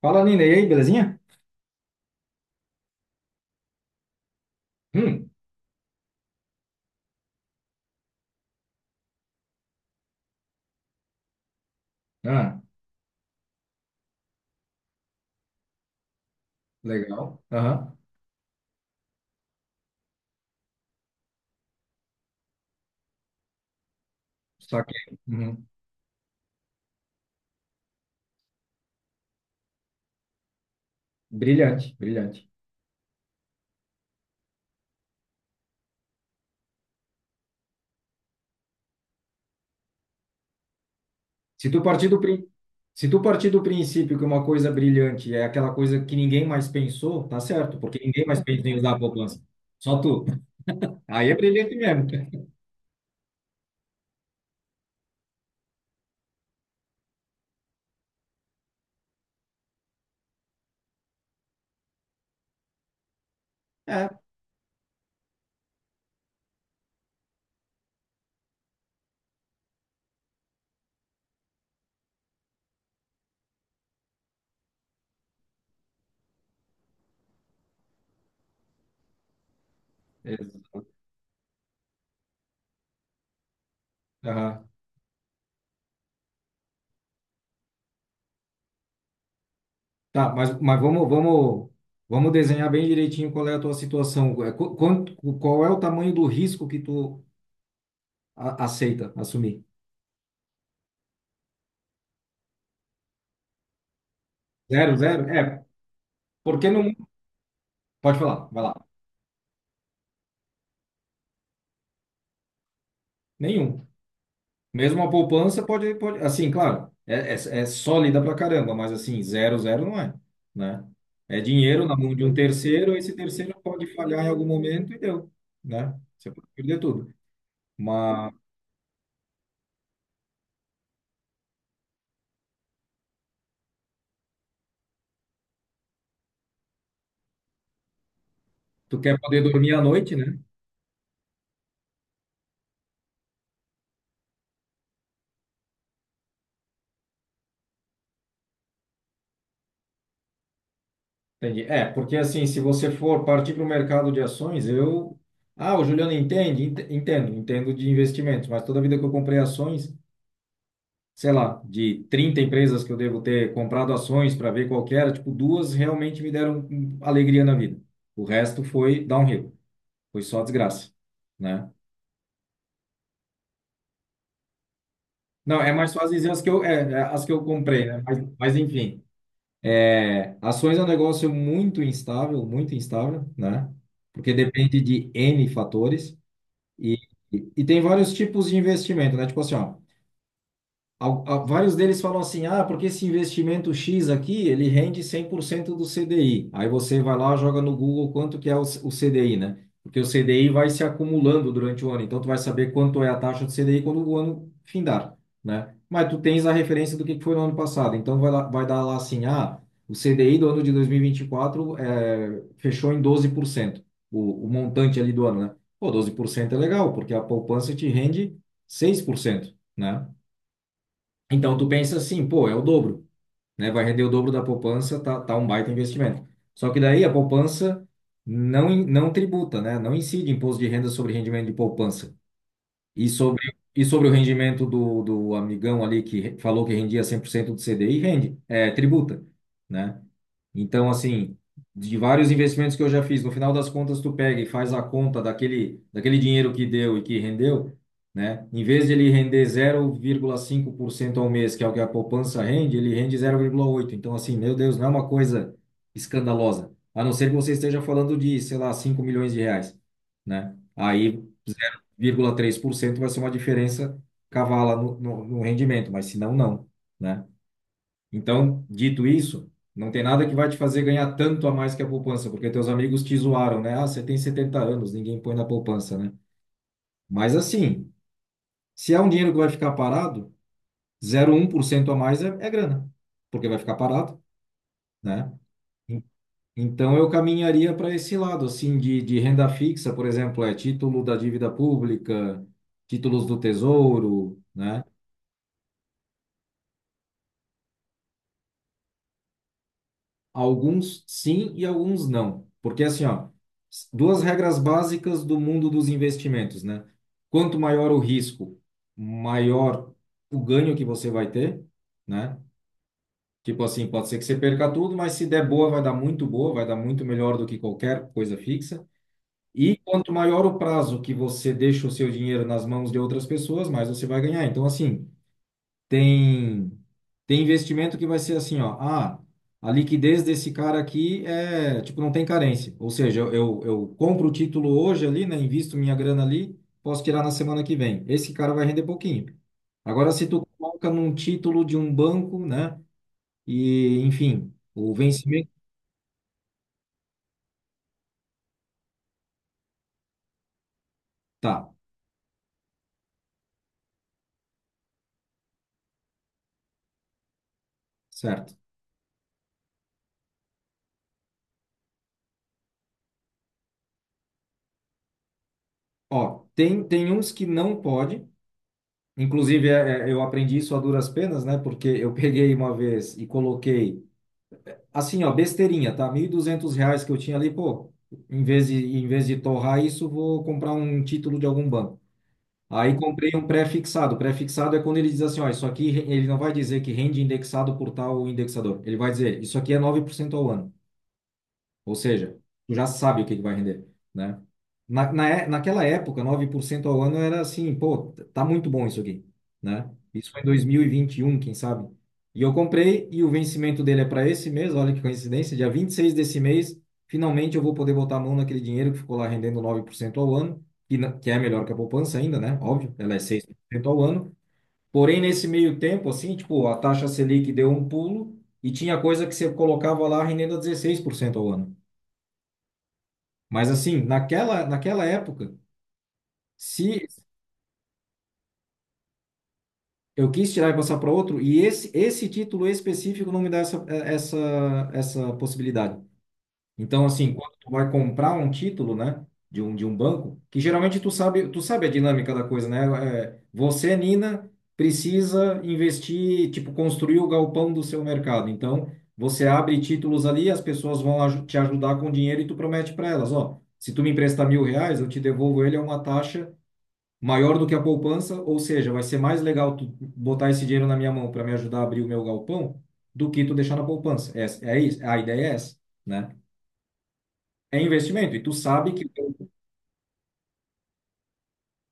Fala, Nina. E aí, belezinha? Hum, ah, legal. Aham. Só que, uhum. Brilhante, brilhante. Se tu partir do prin... Se tu partir do princípio que uma coisa brilhante é aquela coisa que ninguém mais pensou, tá certo, porque ninguém mais pensa em usar a poupança. Só tu. Aí é brilhante mesmo. É. Exato. Aham. Tá, mas vamos desenhar bem direitinho qual é a tua situação. É, Quanto, qual é o tamanho do risco que tu aceita assumir? Zero, zero? É. Porque no Pode falar, vai lá. Nenhum. Mesmo a poupança pode, assim, claro, é sólida pra caramba, mas assim, zero, zero não é, né? É dinheiro na mão de um terceiro, esse terceiro pode falhar em algum momento e deu, né? Você pode perder tudo. Mas tu quer poder dormir à noite, né? Entendi. É, porque assim, se você for partir para o mercado de ações, eu... Ah, o Juliano entende? Entendo, entendo de investimentos, mas toda vida que eu comprei ações, sei lá, de 30 empresas que eu devo ter comprado ações para ver qual que era, tipo, duas realmente me deram alegria na vida. O resto foi downhill, foi só desgraça, né? Não, é mais fácil dizer as que eu, as que eu comprei, né? Mas enfim, é, ações é um negócio muito instável, né? Porque depende de N fatores e, e tem vários tipos de investimento, né? Tipo assim, ó, Vários deles falam assim, ah, porque esse investimento X aqui, ele rende 100% do CDI. Aí você vai lá, joga no Google quanto que é o, o CDI, né? Porque o CDI vai se acumulando durante o ano, então tu vai saber quanto é a taxa do CDI quando o ano findar, né? Mas tu tens a referência do que foi no ano passado, então vai lá, vai dar lá assim, ah, o CDI do ano de 2024 é, fechou em 12%, o montante ali do ano, né? Pô, 12% é legal, porque a poupança te rende 6% né? Então tu pensa assim, pô, é o dobro, né? Vai render o dobro da poupança, tá, tá um baita investimento. Só que daí a poupança não, não tributa, né? Não incide imposto de renda sobre rendimento de poupança. E sobre, e sobre o rendimento do, do amigão ali que falou que rendia 100% do CDI, rende, é, tributa, né? Então, assim, de vários investimentos que eu já fiz, no final das contas, tu pega e faz a conta daquele, daquele dinheiro que deu e que rendeu, né? Em vez de ele render 0,5% ao mês, que é o que a poupança rende, ele rende 0,8%. Então, assim, meu Deus, não é uma coisa escandalosa. A não ser que você esteja falando de, sei lá, 5 milhões de reais, né? Aí. 0,3% vai ser uma diferença cavala no rendimento, mas se não, não, né? Então, dito isso, não tem nada que vai te fazer ganhar tanto a mais que a poupança, porque teus amigos te zoaram, né? Ah, você tem 70 anos, ninguém põe na poupança, né? Mas assim, se é um dinheiro que vai ficar parado, 0,1% a mais é, é grana, porque vai ficar parado, né? En- Então, eu caminharia para esse lado, assim, de renda fixa, por exemplo, é título da dívida pública, títulos do tesouro, né? Alguns sim e alguns não. Porque assim, ó, duas regras básicas do mundo dos investimentos, né? Quanto maior o risco, maior o ganho que você vai ter, né? Tipo assim, pode ser que você perca tudo, mas se der boa, vai dar muito boa, vai dar muito melhor do que qualquer coisa fixa. E quanto maior o prazo que você deixa o seu dinheiro nas mãos de outras pessoas, mais você vai ganhar. Então, assim, tem, tem investimento que vai ser assim, ó. Ah, a liquidez desse cara aqui é, tipo, não tem carência. Ou seja, eu compro o título hoje ali, né? Invisto minha grana ali, posso tirar na semana que vem. Esse cara vai render pouquinho. Agora, se tu coloca num título de um banco, né? E, enfim, o vencimento tá, certo. Ó, tem, tem uns que não pode. Inclusive, eu aprendi isso a duras penas, né? Porque eu peguei uma vez e coloquei Assim, ó, besteirinha, tá? 1.200 reais que eu tinha ali, pô, em vez de torrar isso, vou comprar um título de algum banco. Aí comprei um pré-fixado. Pré-fixado é quando ele diz assim, ó, isso aqui, ele não vai dizer que rende indexado por tal indexador. Ele vai dizer, isso aqui é 9% ao ano. Ou seja, tu já sabe o que é que vai render, né? Naquela época, 9% ao ano era assim, pô, tá muito bom isso aqui, né? Isso foi em 2021, quem sabe? E eu comprei e o vencimento dele é para esse mês, olha que coincidência, dia 26 desse mês, finalmente eu vou poder botar a mão naquele dinheiro que ficou lá rendendo 9% ao ano, que, que é melhor que a poupança ainda, né? Óbvio, ela é 6% ao ano. Porém, nesse meio tempo, assim, tipo, a taxa Selic deu um pulo e tinha coisa que você colocava lá rendendo a 16% ao ano. Mas assim, naquela época, se eu quis tirar e passar para outro, e esse título específico não me dá essa, essa possibilidade. Então, assim, quando tu vai comprar um título, né, de de um banco, que geralmente tu sabe a dinâmica da coisa, né? É, você, Nina, precisa investir, tipo, construir o galpão do seu mercado. Então, você abre títulos ali, as pessoas vão te ajudar com dinheiro e tu promete para elas, ó, se tu me emprestar 1.000 reais, eu te devolvo ele a uma taxa maior do que a poupança, ou seja, vai ser mais legal tu botar esse dinheiro na minha mão para me ajudar a abrir o meu galpão do que tu deixar na poupança. É, é isso, a ideia é essa, né? É investimento e tu sabe que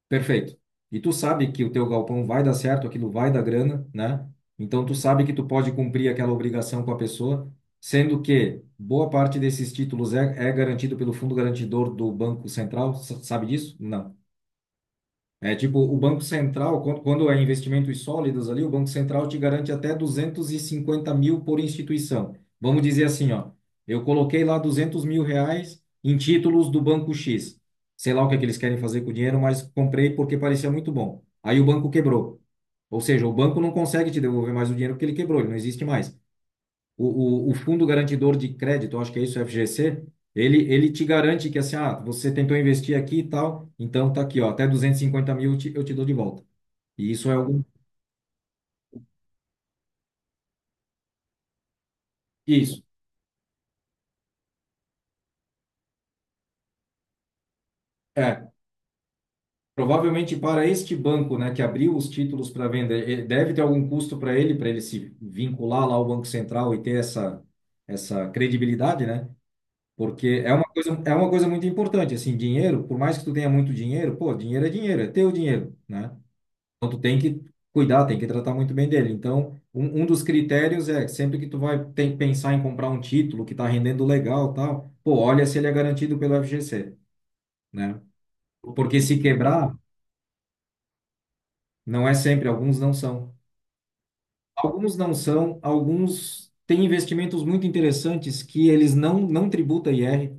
perfeito. E tu sabe que o teu galpão vai dar certo, aquilo vai dar grana, né? Então tu sabe que tu pode cumprir aquela obrigação com a pessoa, sendo que boa parte desses títulos é, é garantido pelo fundo garantidor do Banco Central, sabe disso? Não. É tipo, o Banco Central, quando é investimentos sólidos ali, o Banco Central te garante até 250 mil por instituição. Vamos dizer assim, ó, eu coloquei lá 200 mil reais em títulos do Banco X. Sei lá o que é que eles querem fazer com o dinheiro, mas comprei porque parecia muito bom. Aí o banco quebrou. Ou seja, o banco não consegue te devolver mais o dinheiro porque ele quebrou, ele não existe mais. O Fundo Garantidor de Crédito, eu acho que é isso, FGC, ele te garante que assim, ah, você tentou investir aqui e tal, então tá aqui, ó, até 250 mil eu te dou de volta. E isso é algum. Isso. É. Provavelmente para este banco, né, que abriu os títulos para venda, deve ter algum custo para ele se vincular lá ao Banco Central e ter essa, essa credibilidade, né? Porque é uma coisa muito importante, assim, dinheiro, por mais que tu tenha muito dinheiro, pô, dinheiro, é teu dinheiro, né? Então, tu tem que cuidar, tem que tratar muito bem dele. Então, um dos critérios é sempre que tu vai tem, pensar em comprar um título que está rendendo legal, tal, pô, olha se ele é garantido pelo FGC, né? Porque se quebrar, não é sempre, alguns não são. Alguns não são, alguns têm investimentos muito interessantes que eles não tributam IR,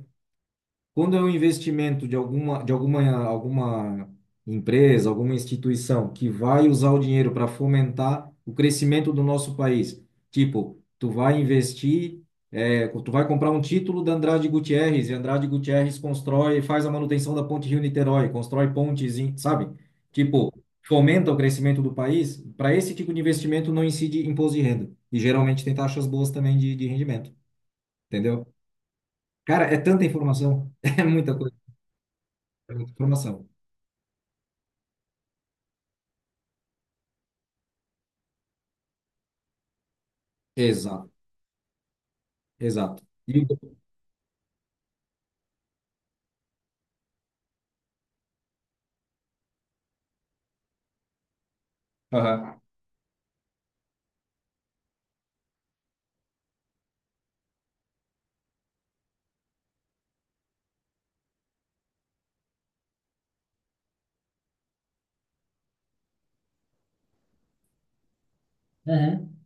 Quando é um investimento de alguma empresa, alguma instituição que vai usar o dinheiro para fomentar o crescimento do nosso país, tipo, tu vai investir, é, tu vai comprar um título da Andrade Gutierrez, e Andrade Gutierrez constrói, faz a manutenção da ponte Rio-Niterói, constrói pontes, sabe? Tipo, fomenta o crescimento do país. Para esse tipo de investimento não incide imposto de renda. E geralmente tem taxas boas também de rendimento, entendeu? Cara, é tanta informação, é muita coisa. É muita informação Exato, exato. E, aham. Aham.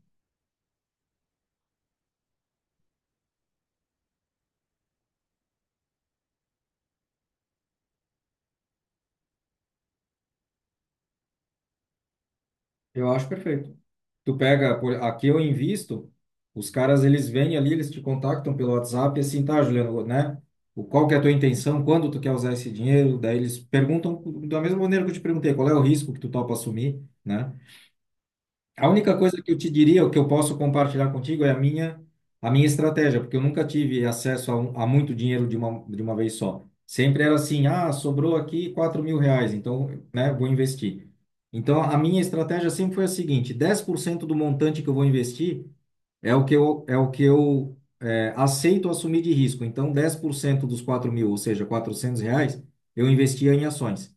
Eu acho perfeito. Tu pega, aqui eu invisto, os caras eles vêm ali, eles te contactam pelo WhatsApp, e assim, tá, Juliano, né? O, qual que é a tua intenção, quando tu quer usar esse dinheiro? Daí eles perguntam, da mesma maneira que eu te perguntei, qual é o risco que tu topa assumir, né? A única coisa que eu te diria, o que eu posso compartilhar contigo é a minha estratégia, porque eu nunca tive acesso a, a muito dinheiro de uma vez só. Sempre era assim, ah, sobrou aqui 4.000 reais, então, né, vou investir. Então, a minha estratégia sempre foi a seguinte: 10% do montante que eu vou investir é o que eu aceito assumir de risco. Então, 10% dos 4.000, ou seja, 400 reais, eu investia em ações.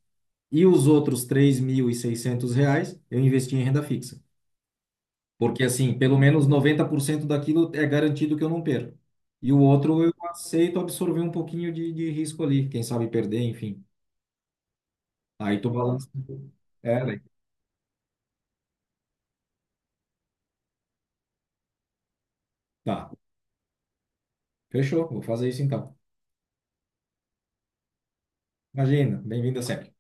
E os outros 3.600 reais eu investia em renda fixa. Porque, assim, pelo menos 90% daquilo é garantido que eu não perco. E o outro eu aceito absorver um pouquinho de risco ali, quem sabe perder, enfim. Aí tu balança. É, daí- tá. Fechou, vou fazer isso então. Imagina, bem-vinda sempre.